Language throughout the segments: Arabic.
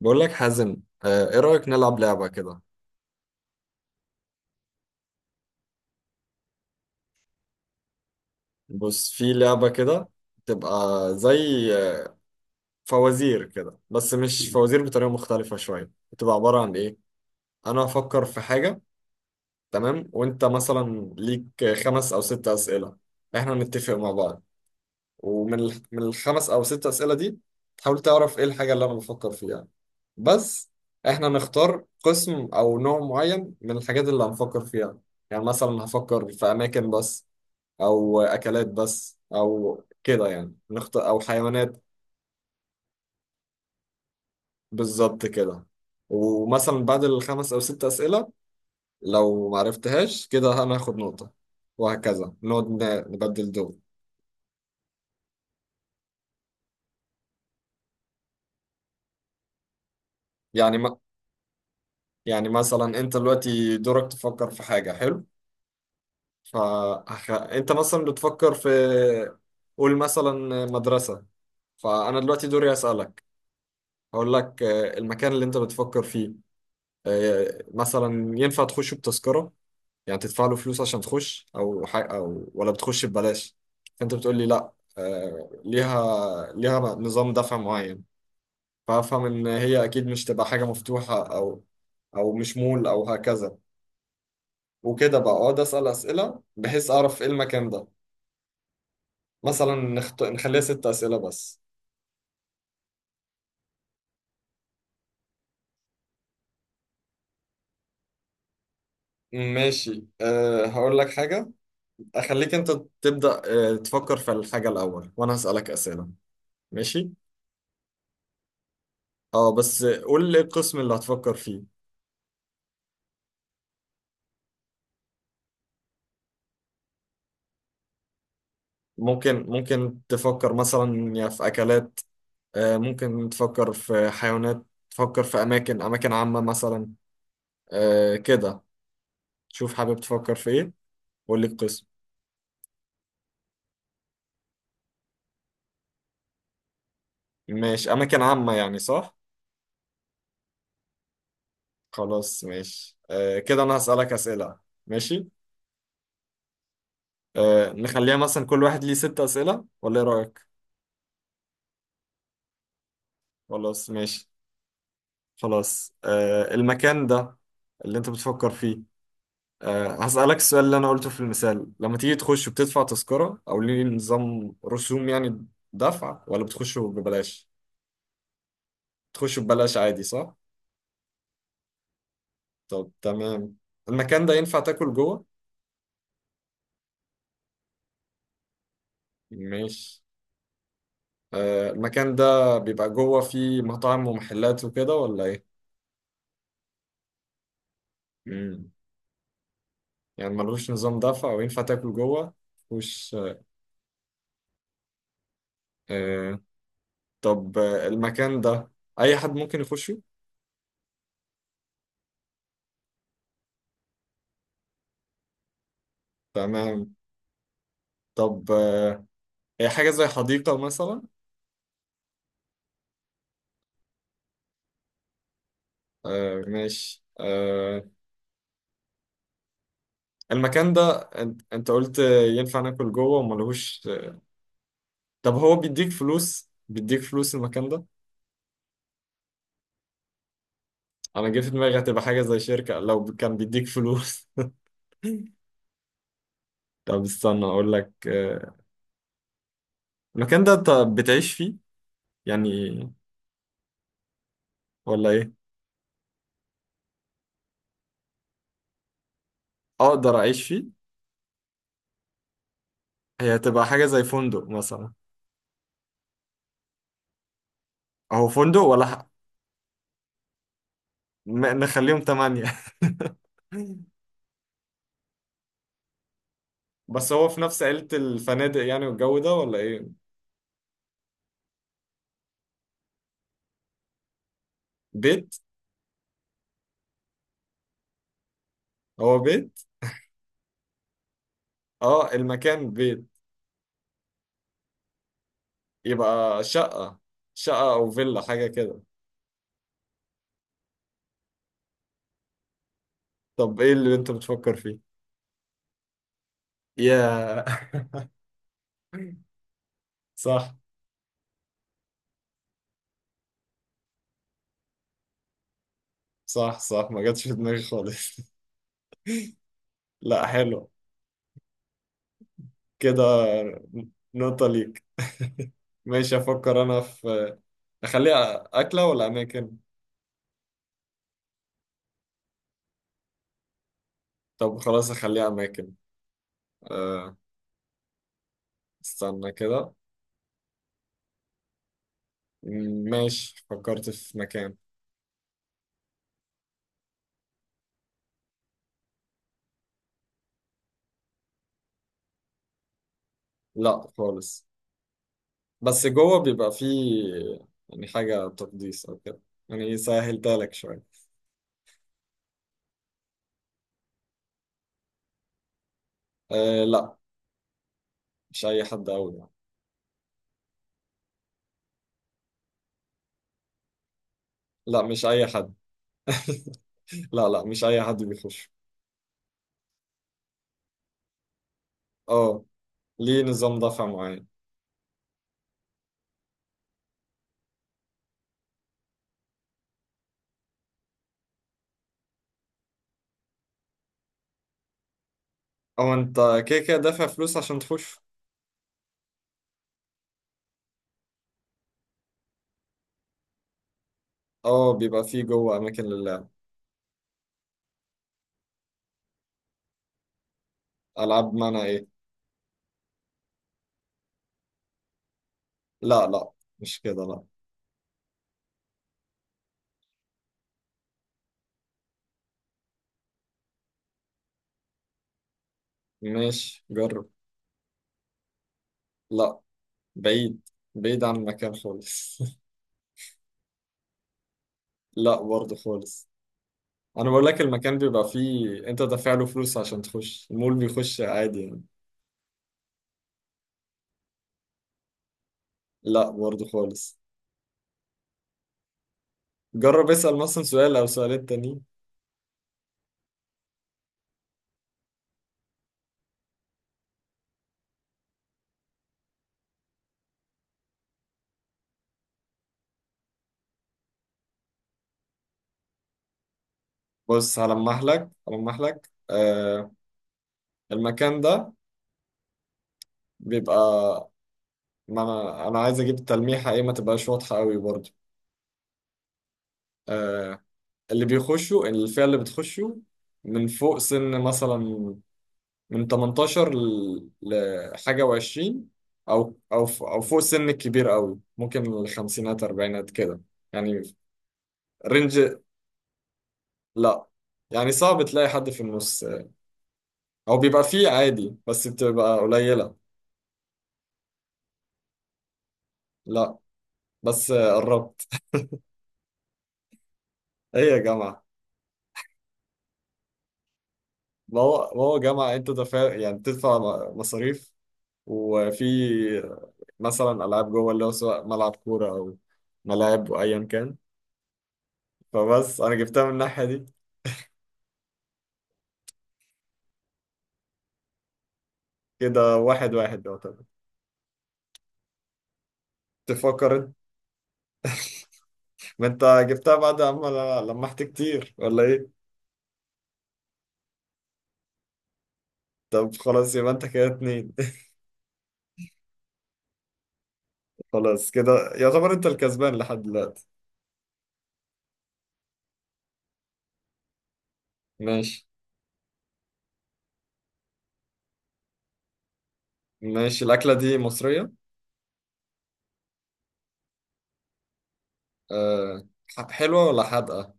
بقول لك حازم. ايه رأيك نلعب لعبة كده؟ بص، في لعبة كده، تبقى زي آه، فوازير كده، بس مش فوازير، بطريقة مختلفة شوية، بتبقى عبارة عن ايه. انا هفكر في حاجة، تمام، وانت مثلا ليك خمس او ست أسئلة، احنا نتفق مع بعض. ومن ال- من الخمس او ست أسئلة دي، تحاول تعرف ايه الحاجة اللي انا بفكر فيها بس. احنا نختار قسم او نوع معين من الحاجات اللي هنفكر فيها، يعني مثلا هفكر في اماكن بس، او اكلات بس، او كده، يعني نختار، او حيوانات. بالظبط كده. ومثلا بعد الخمس او ست اسئله، لو ما عرفتهاش كده انا هاخد نقطه، وهكذا نقعد نبدل دور. يعني ما يعني مثلا انت دلوقتي دورك تفكر في حاجه حلو. فانت مثلا بتفكر في، قول مثلا مدرسه، فانا دلوقتي دوري اسالك. هقول لك المكان اللي انت بتفكر فيه، مثلا ينفع تخشه بتذكره، يعني تدفع له فلوس عشان تخش او حاجة، او ولا بتخش ببلاش. فانت بتقول لي لا، ليها نظام دفع معين. فافهم ان هي اكيد مش تبقى حاجه مفتوحه، او مش مول او هكذا. وكده بقى اقعد اسال اسئله بحيث اعرف ايه المكان ده. مثلا نخليها ست اسئله بس. ماشي، هقول لك حاجه، اخليك انت تبدا، تفكر في الحاجه الاول وانا هسالك اسئله. ماشي. اه بس قول لي القسم اللي هتفكر فيه. ممكن تفكر مثلا يا في أكلات، ممكن تفكر في حيوانات، تفكر في أماكن عامة مثلا، كده. شوف حابب تفكر في إيه، وقول لي القسم. ماشي، أماكن عامة يعني، صح؟ خلاص ماشي، كده أنا هسألك أسئلة، ماشي. نخليها مثلا كل واحد ليه ست أسئلة ولا إيه رأيك؟ خلاص ماشي. خلاص، المكان ده اللي أنت بتفكر فيه، هسألك السؤال اللي أنا قلته في المثال. لما تيجي تخش بتدفع تذكرة أو ليه نظام رسوم، يعني دفع ولا بتخش ببلاش؟ تخش ببلاش عادي، صح؟ طب تمام. المكان ده ينفع تاكل جوه؟ ماشي. المكان ده بيبقى جوه فيه مطاعم ومحلات وكده، ولا إيه؟ مم. يعني ملوش نظام دفع وينفع تاكل جوه؟ خش. أه طب المكان ده، أي حد ممكن يخشه؟ تمام. طب هي حاجة زي حديقة مثلا؟ ماشي. المكان ده، انت قلت ينفع ناكل جوه وما لهوش. طب هو بيديك فلوس، المكان ده، انا جه في دماغي هتبقى حاجه زي شركه لو كان بيديك فلوس. طب استنى اقول لك، المكان ده انت بتعيش فيه يعني، ولا ايه؟ اقدر اعيش فيه. هي هتبقى حاجه زي فندق مثلا؟ اهو فندق ولا نخليهم تمانية. بس هو في نفس عيلة الفنادق يعني والجو ده، ولا ايه؟ بيت. هو بيت. اه المكان بيت. يبقى شقة أو فيلا حاجة كده. طب إيه اللي أنت بتفكر فيه؟ يا. صح، صح، صح، ما جاتش في دماغي خالص. لا حلو، كده. نقطة ليك. ماشي، أفكر أنا في، أخليها أكلة ولا أماكن؟ طب خلاص، أخليها أماكن. أه استنى كده، ماشي، فكرت في مكان. لا خالص، بس جوه بيبقى فيه يعني حاجة تقديس أو كده، يعني سهلتها لك شوية. لا، مش اي حد قوي يعني. لا مش اي حد. لا، لا، مش اي حد بيخش. اه، ليه نظام دفع معين. او انت كده كده دافع فلوس عشان تخش. اه بيبقى فيه جوه اماكن للعب. العاب معنى ايه؟ لا، لا، مش كده، لا. ماشي جرب. لا، بعيد، بعيد عن المكان خالص. لا برضه خالص. انا بقول لك المكان بيبقى فيه انت دافع له فلوس عشان تخش، المول بيخش عادي يعني. لا برضه خالص. جرب اسأل مثلا سؤال او سؤالين تانيين. بص هلمح لك، المكان ده بيبقى، ما انا عايز اجيب التلميحه ايه، ما تبقاش واضحه قوي برضه. آه اللي بيخشوا، الفئه اللي بتخشوا، من فوق سن مثلا، من 18 لحاجه و20، او فوق سن الكبير قوي، ممكن الخمسينات اربعينات كده يعني، رينج. لا يعني صعب تلاقي حد في النص او بيبقى فيه عادي بس بتبقى قليله لا بس قربت ايه يا جماعة ما هو جامعة، انت دافع يعني بتدفع مصاريف، وفي مثلا ألعاب جوه، اللي هو سواء ملعب كورة أو ملاعب، وأيا كان. فبس أنا جبتها من الناحية دي. كده واحد واحد يعتبر. تفكر انت. ما انت جبتها بعد اما لمحت كتير، ولا ايه؟ طب خلاص يبقى انت كده اتنين. خلاص كده يعتبر انت الكسبان لحد دلوقتي. ماشي، ماشي، الأكلة دي مصرية. أه حلوة ولا حادقة؟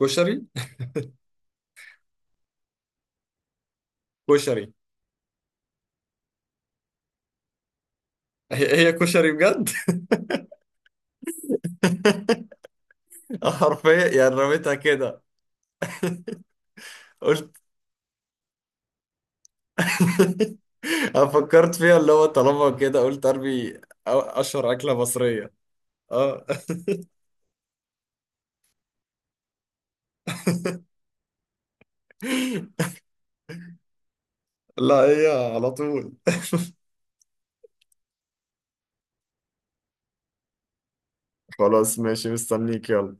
كشري. كشري. هي كشري بجد. حرفيا يعني رميتها كده، قلت. انا فكرت فيها، اللي هو طالما كده قلت ارمي اشهر اكله مصريه. اه. لا، هي على طول. خلاص ماشي، مستنيك، يلا.